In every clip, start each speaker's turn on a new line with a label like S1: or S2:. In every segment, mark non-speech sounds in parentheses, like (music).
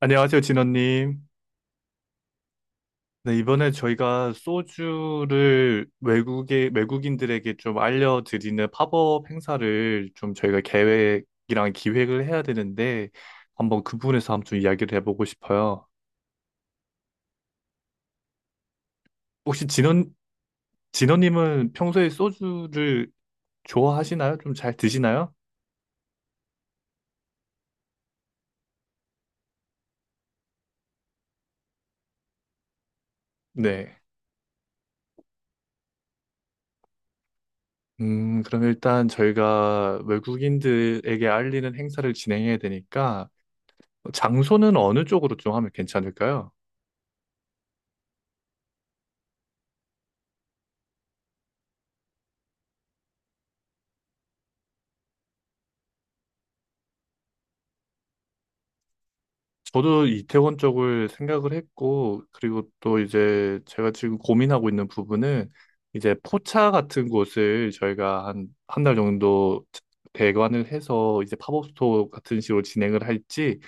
S1: 안녕하세요, 진원님. 네, 이번에 저희가 소주를 외국에, 외국인들에게 좀 알려드리는 팝업 행사를 좀 저희가 계획이랑 기획을 해야 되는데, 한번 그 부분에서 한번 좀 이야기를 해보고 싶어요. 혹시 진원님은 평소에 소주를 좋아하시나요? 좀 잘 드시나요? 네. 그럼 일단 저희가 외국인들에게 알리는 행사를 진행해야 되니까, 장소는 어느 쪽으로 좀 하면 괜찮을까요? 저도 이태원 쪽을 생각을 했고, 그리고 또 이제 제가 지금 고민하고 있는 부분은 이제 포차 같은 곳을 저희가 한, 한 달 정도 대관을 해서 이제 팝업 스토어 같은 식으로 진행을 할지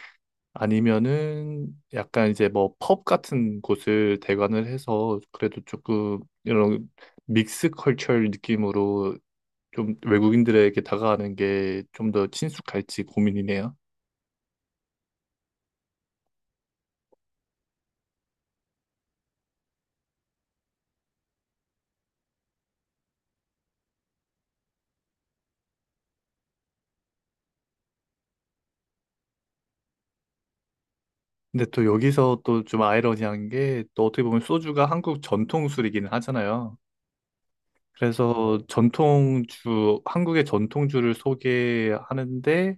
S1: 아니면은 약간 이제 뭐 펍 같은 곳을 대관을 해서 그래도 조금 이런 믹스 컬처 느낌으로 좀 외국인들에게 다가가는 게 좀 더 친숙할지 고민이네요. 근데 또 여기서 또 좀 아이러니한 게 또 어떻게 보면 소주가 한국 전통술이기는 하잖아요. 그래서 전통주, 한국의 전통주를 소개하는데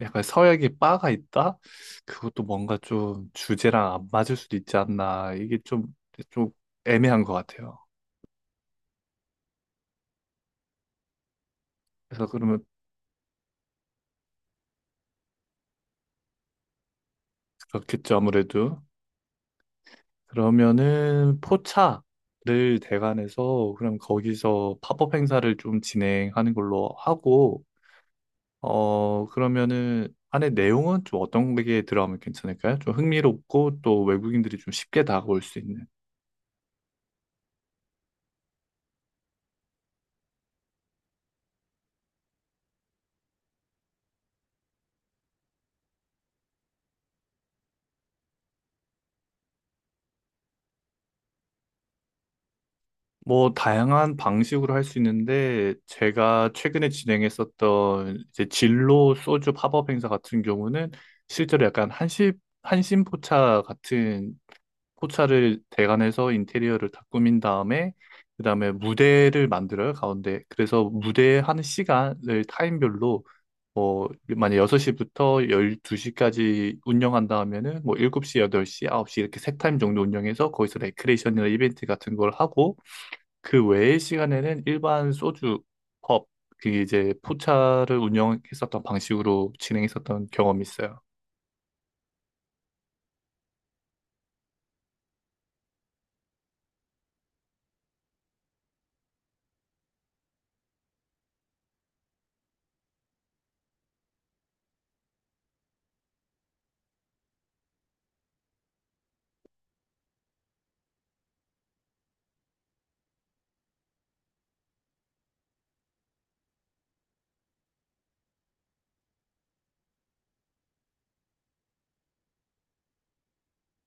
S1: 약간 서양의 바가 있다? 그것도 뭔가 좀 주제랑 안 맞을 수도 있지 않나. 이게 좀, 좀 애매한 것 같아요. 그래서 그러면 그렇겠죠, 아무래도. 그러면은 포차를 대관해서 그럼 거기서 팝업 행사를 좀 진행하는 걸로 하고 어, 그러면은 안에 내용은 좀 어떤 게 들어가면 괜찮을까요? 좀 흥미롭고 또 외국인들이 좀 쉽게 다가올 수 있는. 뭐 다양한 방식으로 할 수 있는데 제가 최근에 진행했었던 이제 진로 소주 팝업 행사 같은 경우는 실제로 약간 한시 한심포차 같은 포차를 대관해서 인테리어를 다 꾸민 다음에 그다음에 무대를 만들어요, 가운데. 그래서 무대 하는 시간을 타임별로 뭐 만약 6시부터 12시까지 운영한다 하면은 뭐 7시, 8시, 9시 이렇게 세 타임 정도 운영해서 거기서 레크레이션이나 이벤트 같은 걸 하고 그 외의 시간에는 일반 소주 펍, 그게 이제 포차를 운영했었던 방식으로 진행했었던 경험이 있어요.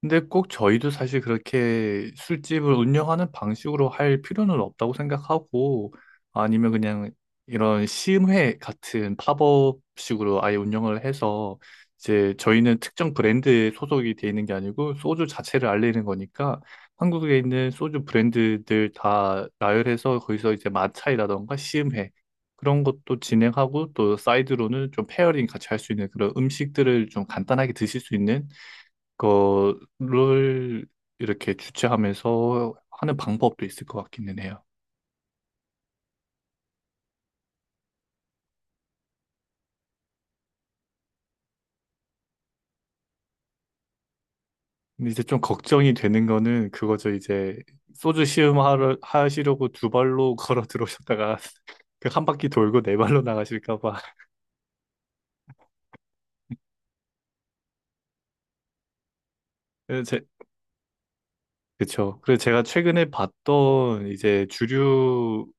S1: 근데 꼭 저희도 사실 그렇게 술집을 운영하는 방식으로 할 필요는 없다고 생각하고 아니면 그냥 이런 시음회 같은 팝업식으로 아예 운영을 해서 이제 저희는 특정 브랜드에 소속이 돼 있는 게 아니고 소주 자체를 알리는 거니까 한국에 있는 소주 브랜드들 다 나열해서 거기서 이제 마차이라던가 시음회 그런 것도 진행하고 또 사이드로는 좀 페어링 같이 할 수 있는 그런 음식들을 좀 간단하게 드실 수 있는 거를 이렇게 주최하면서 하는 방법도 있을 것 같기는 해요. 근데 이제 좀 걱정이 되는 거는 그거죠. 이제 소주 시음 하시려고 두 발로 (laughs) 걸어 들어오셨다가 그 한 바퀴 돌고 네 발로 나가실까 봐. 그래서 제, 그쵸. 그래서 제가 최근에 봤던 이제 주류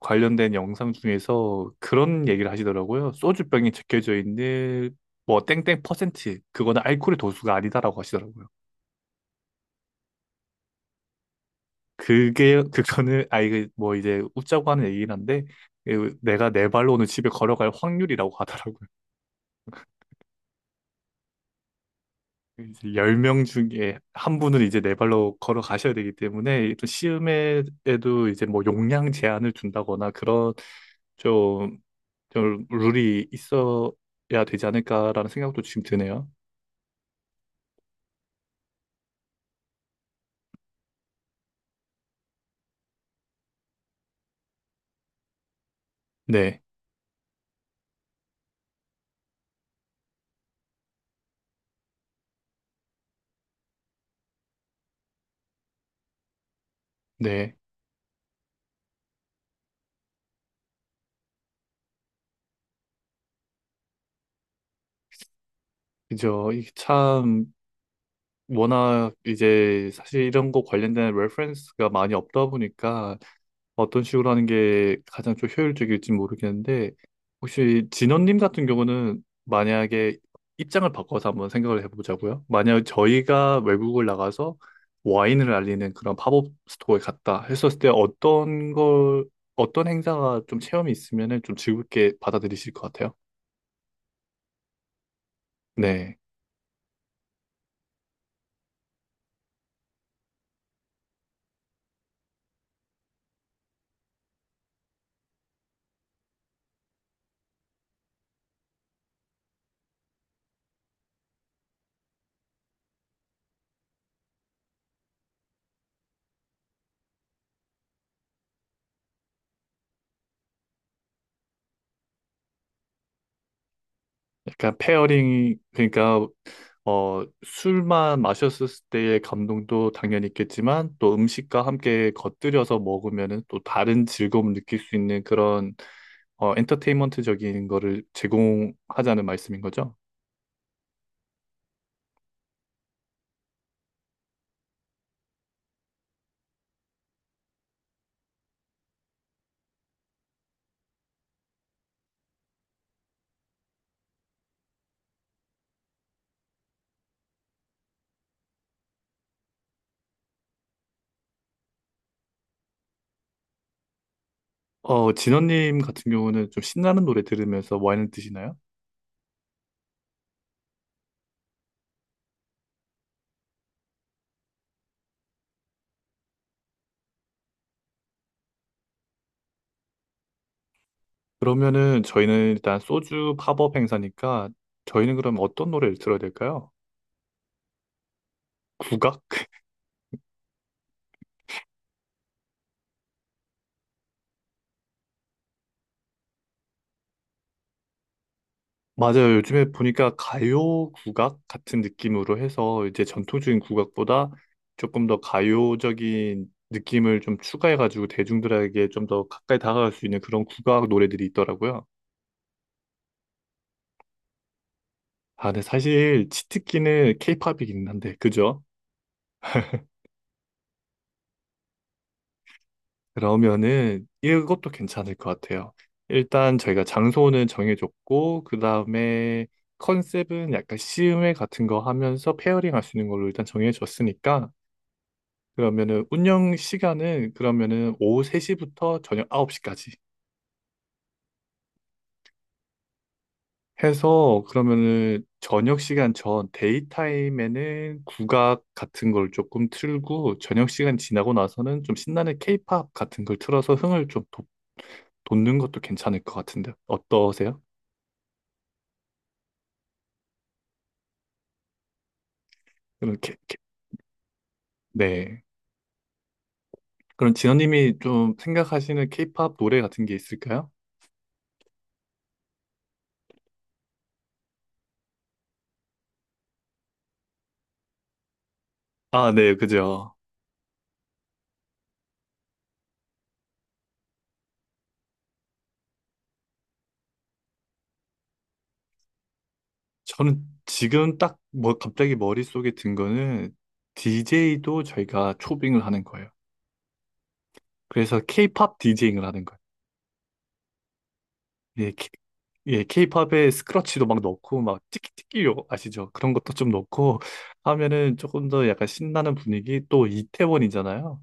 S1: 관련된 영상 중에서 그런 얘기를 하시더라고요. 소주병에 적혀져 있는 뭐 땡땡 퍼센트 그거는 알코올의 도수가 아니다라고 하시더라고요. 그게 그거는 아 이게 뭐 이제 웃자고 하는 얘기긴 한데 그 내가 네 발로 오늘 집에 걸어갈 확률이라고 하더라고요. (laughs) 이제 10명 중에 한 분은 이제 네 발로 걸어가셔야 되기 때문에 또 시음에도 이제 뭐 용량 제한을 둔다거나 그런 좀, 좀 룰이 있어야 되지 않을까라는 생각도 지금 드네요. 네, 네. 그죠. 이게 참 워낙 이제 사실 이런 거 관련된 레퍼런스가 많이 없다 보니까 어떤 식으로 하는 게 가장 좀 효율적일지 모르겠는데, 혹시 진원님 같은 경우는 만약에 입장을 바꿔서 한번 생각을 해보자고요. 만약 저희가 외국을 나가서 와인을 알리는 그런 팝업 스토어에 갔다 했었을 때 어떤 걸, 어떤 행사가 좀 체험이 있으면은 좀 즐겁게 받아들이실 것 같아요? 네. 약간 페어링이 그러니까 어 술만 마셨을 때의 감동도 당연히 있겠지만 또 음식과 함께 곁들여서 먹으면은 또 다른 즐거움을 느낄 수 있는 그런 어 엔터테인먼트적인 거를 제공하자는 말씀인 거죠. 어 진원님 같은 경우는 좀 신나는 노래 들으면서 와인을 드시나요? 그러면은 저희는 일단 소주 팝업 행사니까 저희는 그럼 어떤 노래를 들어야 될까요? 국악? 맞아요. 요즘에 보니까 가요 국악 같은 느낌으로 해서 이제 전통적인 국악보다 조금 더 가요적인 느낌을 좀 추가해가지고 대중들에게 좀 더 가까이 다가갈 수 있는 그런 국악 노래들이 있더라고요. 아, 근데 사실 치트키는 케이팝이긴 한데, 그죠? 그러면은 이것도 괜찮을 것 같아요. 일단 저희가 장소는 정해줬고, 그 다음에 컨셉은 약간 시음회 같은 거 하면서 페어링 할 수 있는 걸로 일단 정해줬으니까, 그러면은 운영 시간은 그러면은 오후 3시부터 저녁 9시까지 해서 그러면은 저녁 시간 전 데이 타임에는 국악 같은 걸 조금 틀고 저녁 시간 지나고 나서는 좀 신나는 케이팝 같은 걸 틀어서 흥을 좀 돋- 는 것도 괜찮을 것 같은데 어떠세요? 이렇게 네. 그럼 진호님이 좀 생각하시는 케이팝 노래 같은 게 있을까요? 아, 네, 그죠. 저는 지금 딱 뭐 갑자기 머릿속에 든 거는 DJ도 저희가 초빙을 하는 거예요. 그래서 K-pop 제잉을 하는 거예요. 예, K, 예, K-pop에 스크러치도 막 넣고 막 띠끼띠끼요 아시죠? 그런 것도 좀 넣고 하면은 조금 더 약간 신나는 분위기 또 이태원이잖아요.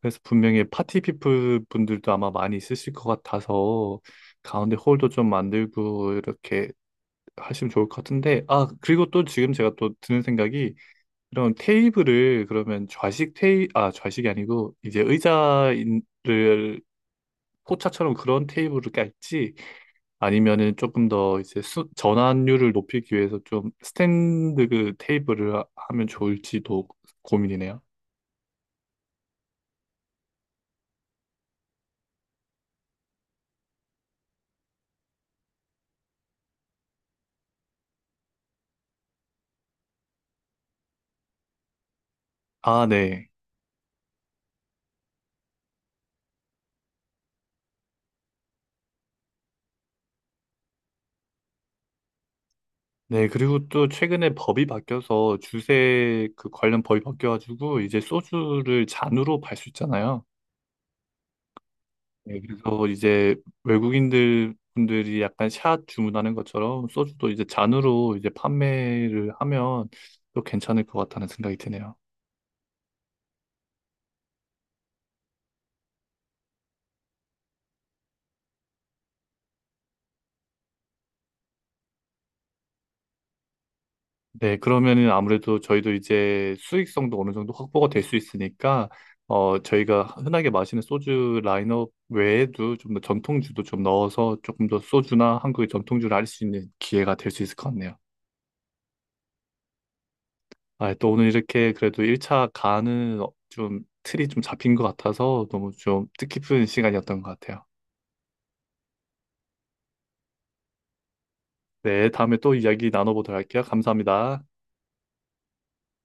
S1: 그래서 분명히 파티 피플 분들도 아마 많이 있으실 것 같아서 가운데 홀도 좀 만들고 이렇게 하시면 좋을 것 같은데 아 그리고 또 지금 제가 또 드는 생각이 그럼 테이블을 그러면 좌식 테이 아 좌식이 아니고 이제 의자를 포차처럼 그런 테이블을 깔지 아니면은 조금 더 이제 전환율을 높이기 위해서 좀 스탠드 그 테이블을 하- 하면 좋을지도 고민이네요. 아, 네. 네, 그리고 또 최근에 법이 바뀌어서 주세 그 관련 법이 바뀌어가지고 이제 소주를 잔으로 팔 수 있잖아요. 네, 그래서 이제 외국인들 분들이 약간 샷 주문하는 것처럼 소주도 이제 잔으로 이제 판매를 하면 또 괜찮을 것 같다는 생각이 드네요. 네, 그러면은 아무래도 저희도 이제 수익성도 어느 정도 확보가 될 수 있으니까 어 저희가 흔하게 마시는 소주 라인업 외에도 좀 더 전통주도 좀 넣어서 조금 더 소주나 한국의 전통주를 알 수 있는 기회가 될 수 있을 것 같네요. 아, 또 오늘 이렇게 그래도 1차 가는 어, 좀 틀이 좀 잡힌 것 같아서 너무 좀 뜻깊은 시간이었던 것 같아요. 네, 다음에 또 이야기 나눠보도록 할게요. 감사합니다.